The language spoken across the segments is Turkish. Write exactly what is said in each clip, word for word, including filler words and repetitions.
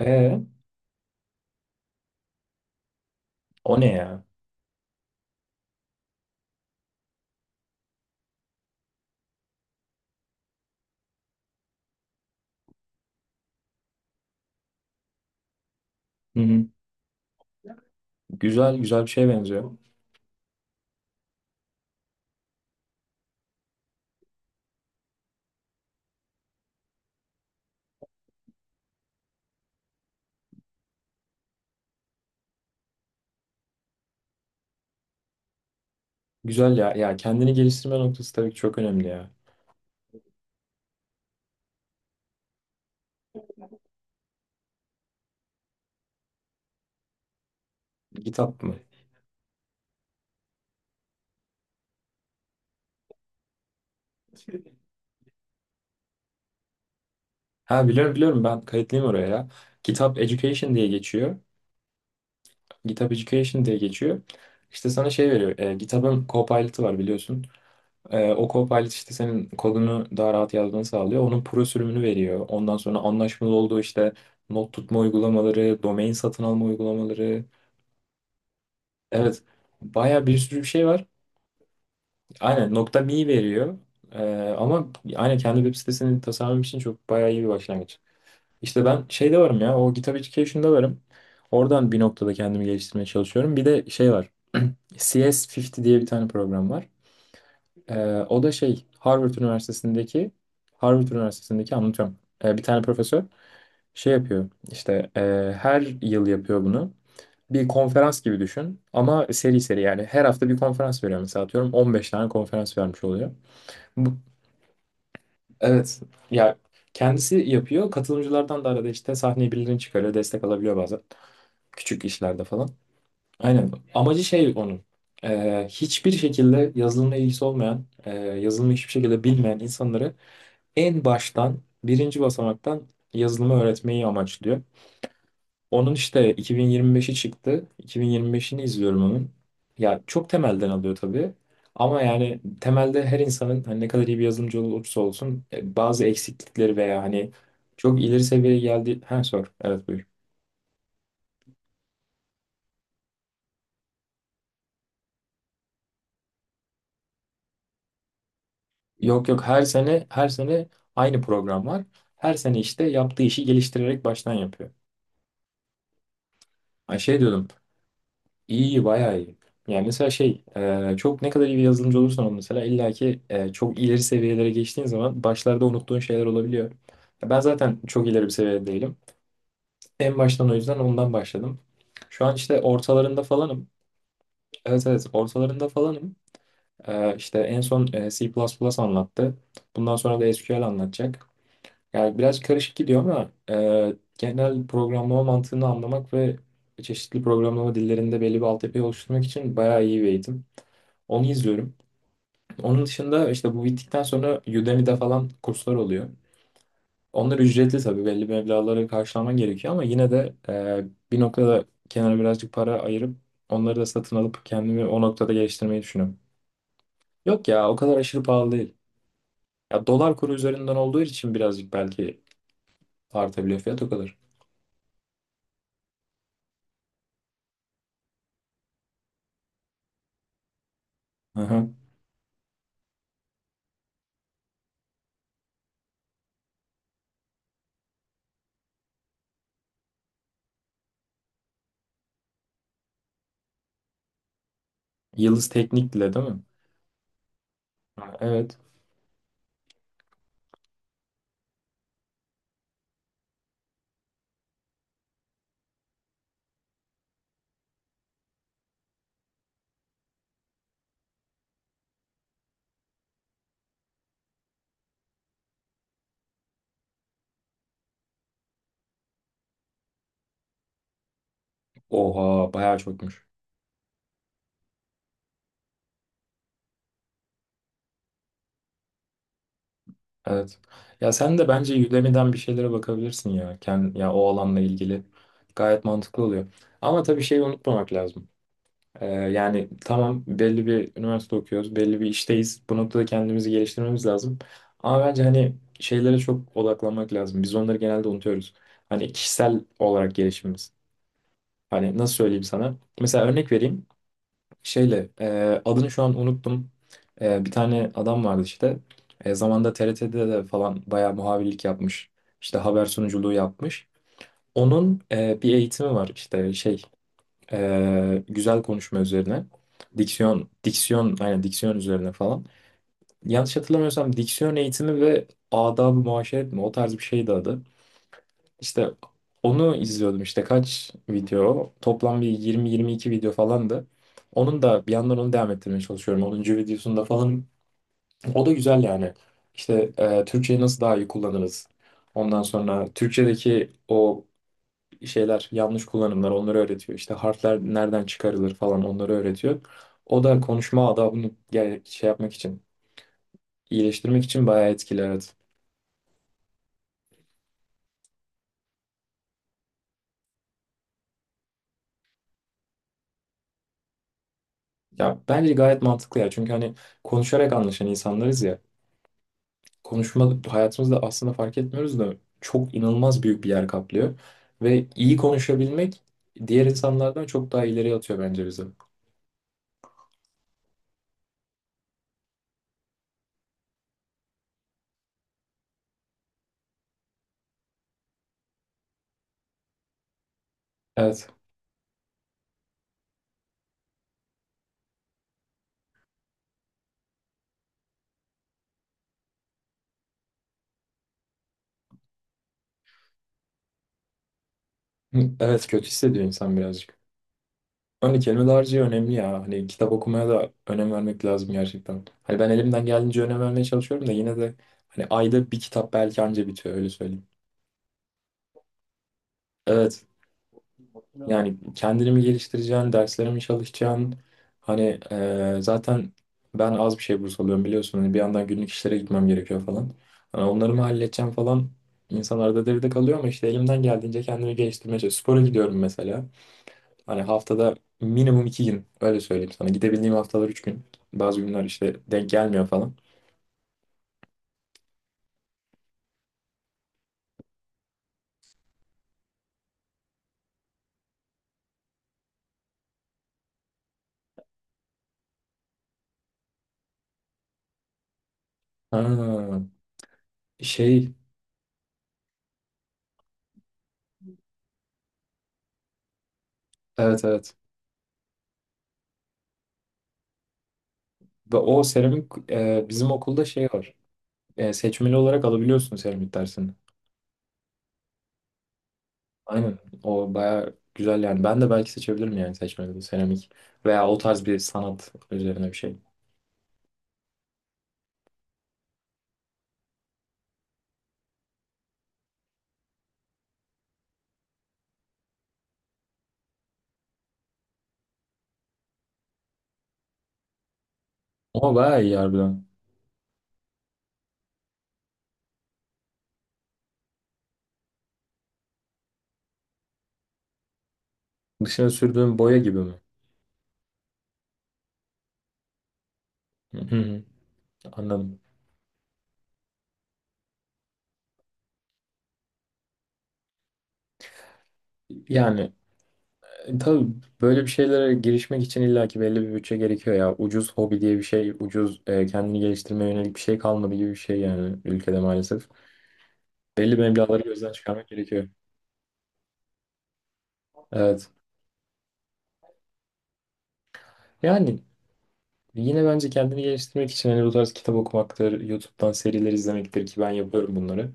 Ee, O ne ya? Hı hı. Güzel güzel bir şeye benziyor. Güzel ya. Ya kendini geliştirme noktası tabii ki çok önemli ya. Kitap mı? Ha biliyorum biliyorum ben kayıtlıyım oraya ya. Kitap Education diye geçiyor. Kitap Education diye geçiyor. İşte sana şey veriyor. E, kitabın Copilot'ı var biliyorsun. E, o Copilot işte senin kodunu daha rahat yazmanı sağlıyor. Onun pro sürümünü veriyor. Ondan sonra anlaşmalı olduğu işte not tutma uygulamaları, domain satın alma uygulamaları. Evet. Baya bir sürü bir şey var. Aynen nokta mi veriyor. Ee, Ama aynen kendi web sitesini tasarlam için çok bayağı iyi bir başlangıç. İşte ben şeyde varım ya o GitHub Education'da varım. Oradan bir noktada kendimi geliştirmeye çalışıyorum. Bir de şey var. C S elli diye bir tane program var. Ee, o da şey Harvard Üniversitesi'ndeki Harvard Üniversitesi'ndeki anlatıyorum. Ee, bir tane profesör şey yapıyor. İşte e, her yıl yapıyor bunu bir konferans gibi düşün ama seri seri yani her hafta bir konferans veriyor mesela atıyorum on beş tane konferans vermiş oluyor. Bu, evet. Ya kendisi yapıyor. Katılımcılardan da arada işte sahneye birilerini çıkarıyor. Destek alabiliyor bazen. Küçük işlerde falan. Aynen. Amacı şey onun. Ee, hiçbir şekilde yazılımla ilgisi olmayan, e, yazılımı hiçbir şekilde bilmeyen insanları en baştan, birinci basamaktan yazılımı öğretmeyi amaçlıyor. Onun işte iki bin yirmi beşi çıktı. iki bin yirmi beşini izliyorum onun. Ya çok temelden alıyor tabii. Ama yani temelde her insanın hani ne kadar iyi bir yazılımcı olursa olsun e, bazı eksiklikleri veya hani çok ileri seviyeye geldi. Ha sor. Evet buyur. Yok yok her sene her sene aynı program var. Her sene işte yaptığı işi geliştirerek baştan yapıyor. Ay şey diyordum. İyi, iyi, bayağı iyi. Yani mesela şey, e, çok ne kadar iyi bir yazılımcı olursan ol mesela illaki e, çok ileri seviyelere geçtiğin zaman başlarda unuttuğun şeyler olabiliyor. Ya ben zaten çok ileri bir seviyede değilim. En baştan o yüzden ondan başladım. Şu an işte ortalarında falanım. Evet evet ortalarında falanım. E, işte en son e, C++ anlattı. Bundan sonra da S Q L anlatacak. Yani biraz karışık gidiyor ama e, genel programlama mantığını anlamak ve çeşitli programlama dillerinde belli bir altyapıyı oluşturmak için bayağı iyi bir eğitim. Onu izliyorum. Onun dışında işte bu bittikten sonra Udemy'de falan kurslar oluyor. Onlar ücretli tabii belli meblağları karşılaman gerekiyor ama yine de e, bir noktada kenara birazcık para ayırıp onları da satın alıp kendimi o noktada geliştirmeyi düşünüyorum. Yok ya o kadar aşırı pahalı değil. Ya dolar kuru üzerinden olduğu için birazcık belki artabiliyor fiyat o kadar. Hı hı. Yıldız Teknik'le değil mi? Ha, evet. Oha bayağı çokmuş. Evet. Ya sen de bence Udemy'den bir şeylere bakabilirsin ya. Kend, ya o alanla ilgili. Gayet mantıklı oluyor. Ama tabii şeyi unutmamak lazım. Ee, yani tamam belli bir üniversite okuyoruz, belli bir işteyiz. Bu noktada kendimizi geliştirmemiz lazım. Ama bence hani şeylere çok odaklanmak lazım. Biz onları genelde unutuyoruz. Hani kişisel olarak gelişimimiz. Hani nasıl söyleyeyim sana? Mesela örnek vereyim şeyle e, adını şu an unuttum. E, bir tane adam vardı işte. E, zamanda T R T'de de falan bayağı muhabirlik yapmış. İşte haber sunuculuğu yapmış. Onun e, bir eğitimi var işte şey e, güzel konuşma üzerine. Diksiyon, diksiyon, aynen diksiyon üzerine falan. Yanlış hatırlamıyorsam diksiyon eğitimi ve adab-ı muaşeret mi? O tarz bir şeydi adı. İşte onu izliyordum işte kaç video toplam bir yirmi yirmi iki video falandı. Onun da bir yandan onu devam ettirmeye çalışıyorum. Onuncu videosunda falan o da güzel yani. İşte e, Türkçeyi nasıl daha iyi kullanırız? Ondan sonra Türkçedeki o şeyler yanlış kullanımlar onları öğretiyor. İşte harfler nereden çıkarılır falan onları öğretiyor. O da konuşma adabını gel- şey yapmak için iyileştirmek için bayağı etkili evet. Ya bence gayet mantıklı ya çünkü hani konuşarak anlaşan insanlarız ya. Konuşma hayatımızda aslında fark etmiyoruz da çok inanılmaz büyük bir yer kaplıyor. Ve iyi konuşabilmek diğer insanlardan çok daha ileriye atıyor bence bizi. Evet. Hı, evet, kötü hissediyor insan birazcık. Hani kelime dağarcığı önemli ya. Hani kitap okumaya da önem vermek lazım gerçekten. Hani ben elimden geldiğince önem vermeye çalışıyorum da yine de hani ayda bir kitap belki anca bitiyor öyle söyleyeyim. Evet. Yani kendini mi geliştireceksin, derslere mi çalışacaksın? Hani e, zaten ben az bir şey burs alıyorum biliyorsun. Hani bir yandan günlük işlere gitmem gerekiyor falan. Hani onları mı halledeceğim falan. İnsanlarda devide kalıyor ama işte elimden geldiğince kendimi geliştirmeye çalışıyorum. Spora gidiyorum mesela. Hani haftada minimum iki gün öyle söyleyeyim sana. Gidebildiğim haftalar üç gün. Bazı günler işte denk gelmiyor falan. Ha, şey, evet, evet. Ve o seramik e, bizim okulda şey var. E, seçmeli olarak alabiliyorsun seramik dersini. Aynen. O baya güzel yani. Ben de belki seçebilirim yani seçmede de seramik. Veya o tarz bir sanat üzerine bir şey. Ama baya iyi harbiden. Dışına sürdüğüm boya gibi mi? Hı hı. Anladım. Yani e, tabii böyle bir şeylere girişmek için illaki belli bir bütçe gerekiyor ya. Ucuz hobi diye bir şey, ucuz e, kendini geliştirmeye yönelik bir şey kalmadı gibi bir şey yani ülkede maalesef. Belli meblağları gözden çıkarmak gerekiyor. Evet. Yani yine bence kendini geliştirmek için hani bu tarz kitap okumaktır, YouTube'dan seriler izlemektir ki ben yapıyorum bunları.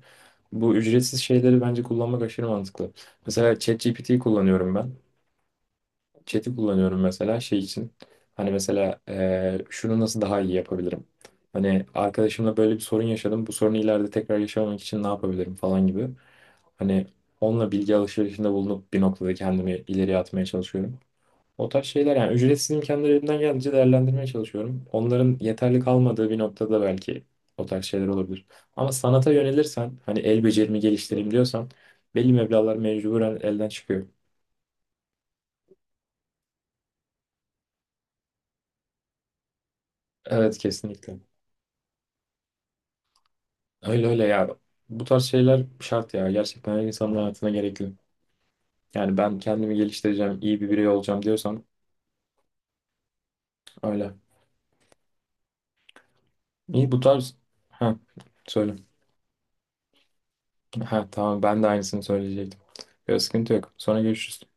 Bu ücretsiz şeyleri bence kullanmak aşırı mantıklı. Mesela ChatGPT'yi kullanıyorum ben. Chat'i kullanıyorum mesela şey için. Hani mesela eee, şunu nasıl daha iyi yapabilirim? Hani arkadaşımla böyle bir sorun yaşadım. Bu sorunu ileride tekrar yaşamamak için ne yapabilirim falan gibi. Hani onunla bilgi alışverişinde bulunup bir noktada kendimi ileriye atmaya çalışıyorum. O tarz şeyler yani ücretsiz imkanları elimden geldiğince değerlendirmeye çalışıyorum. Onların yeterli kalmadığı bir noktada belki o tarz şeyler olabilir. Ama sanata yönelirsen hani el becerimi geliştireyim diyorsan belli meblağlar mecburen elden çıkıyor. Evet kesinlikle. Öyle öyle ya. Bu tarz şeyler şart ya. Gerçekten her insanın hayatına gerekli. Yani ben kendimi geliştireceğim, iyi bir birey olacağım diyorsan öyle. İyi bu tarz... Ha, söyle. Ha, tamam ben de aynısını söyleyecektim. Yok, sıkıntı yok. Sonra görüşürüz.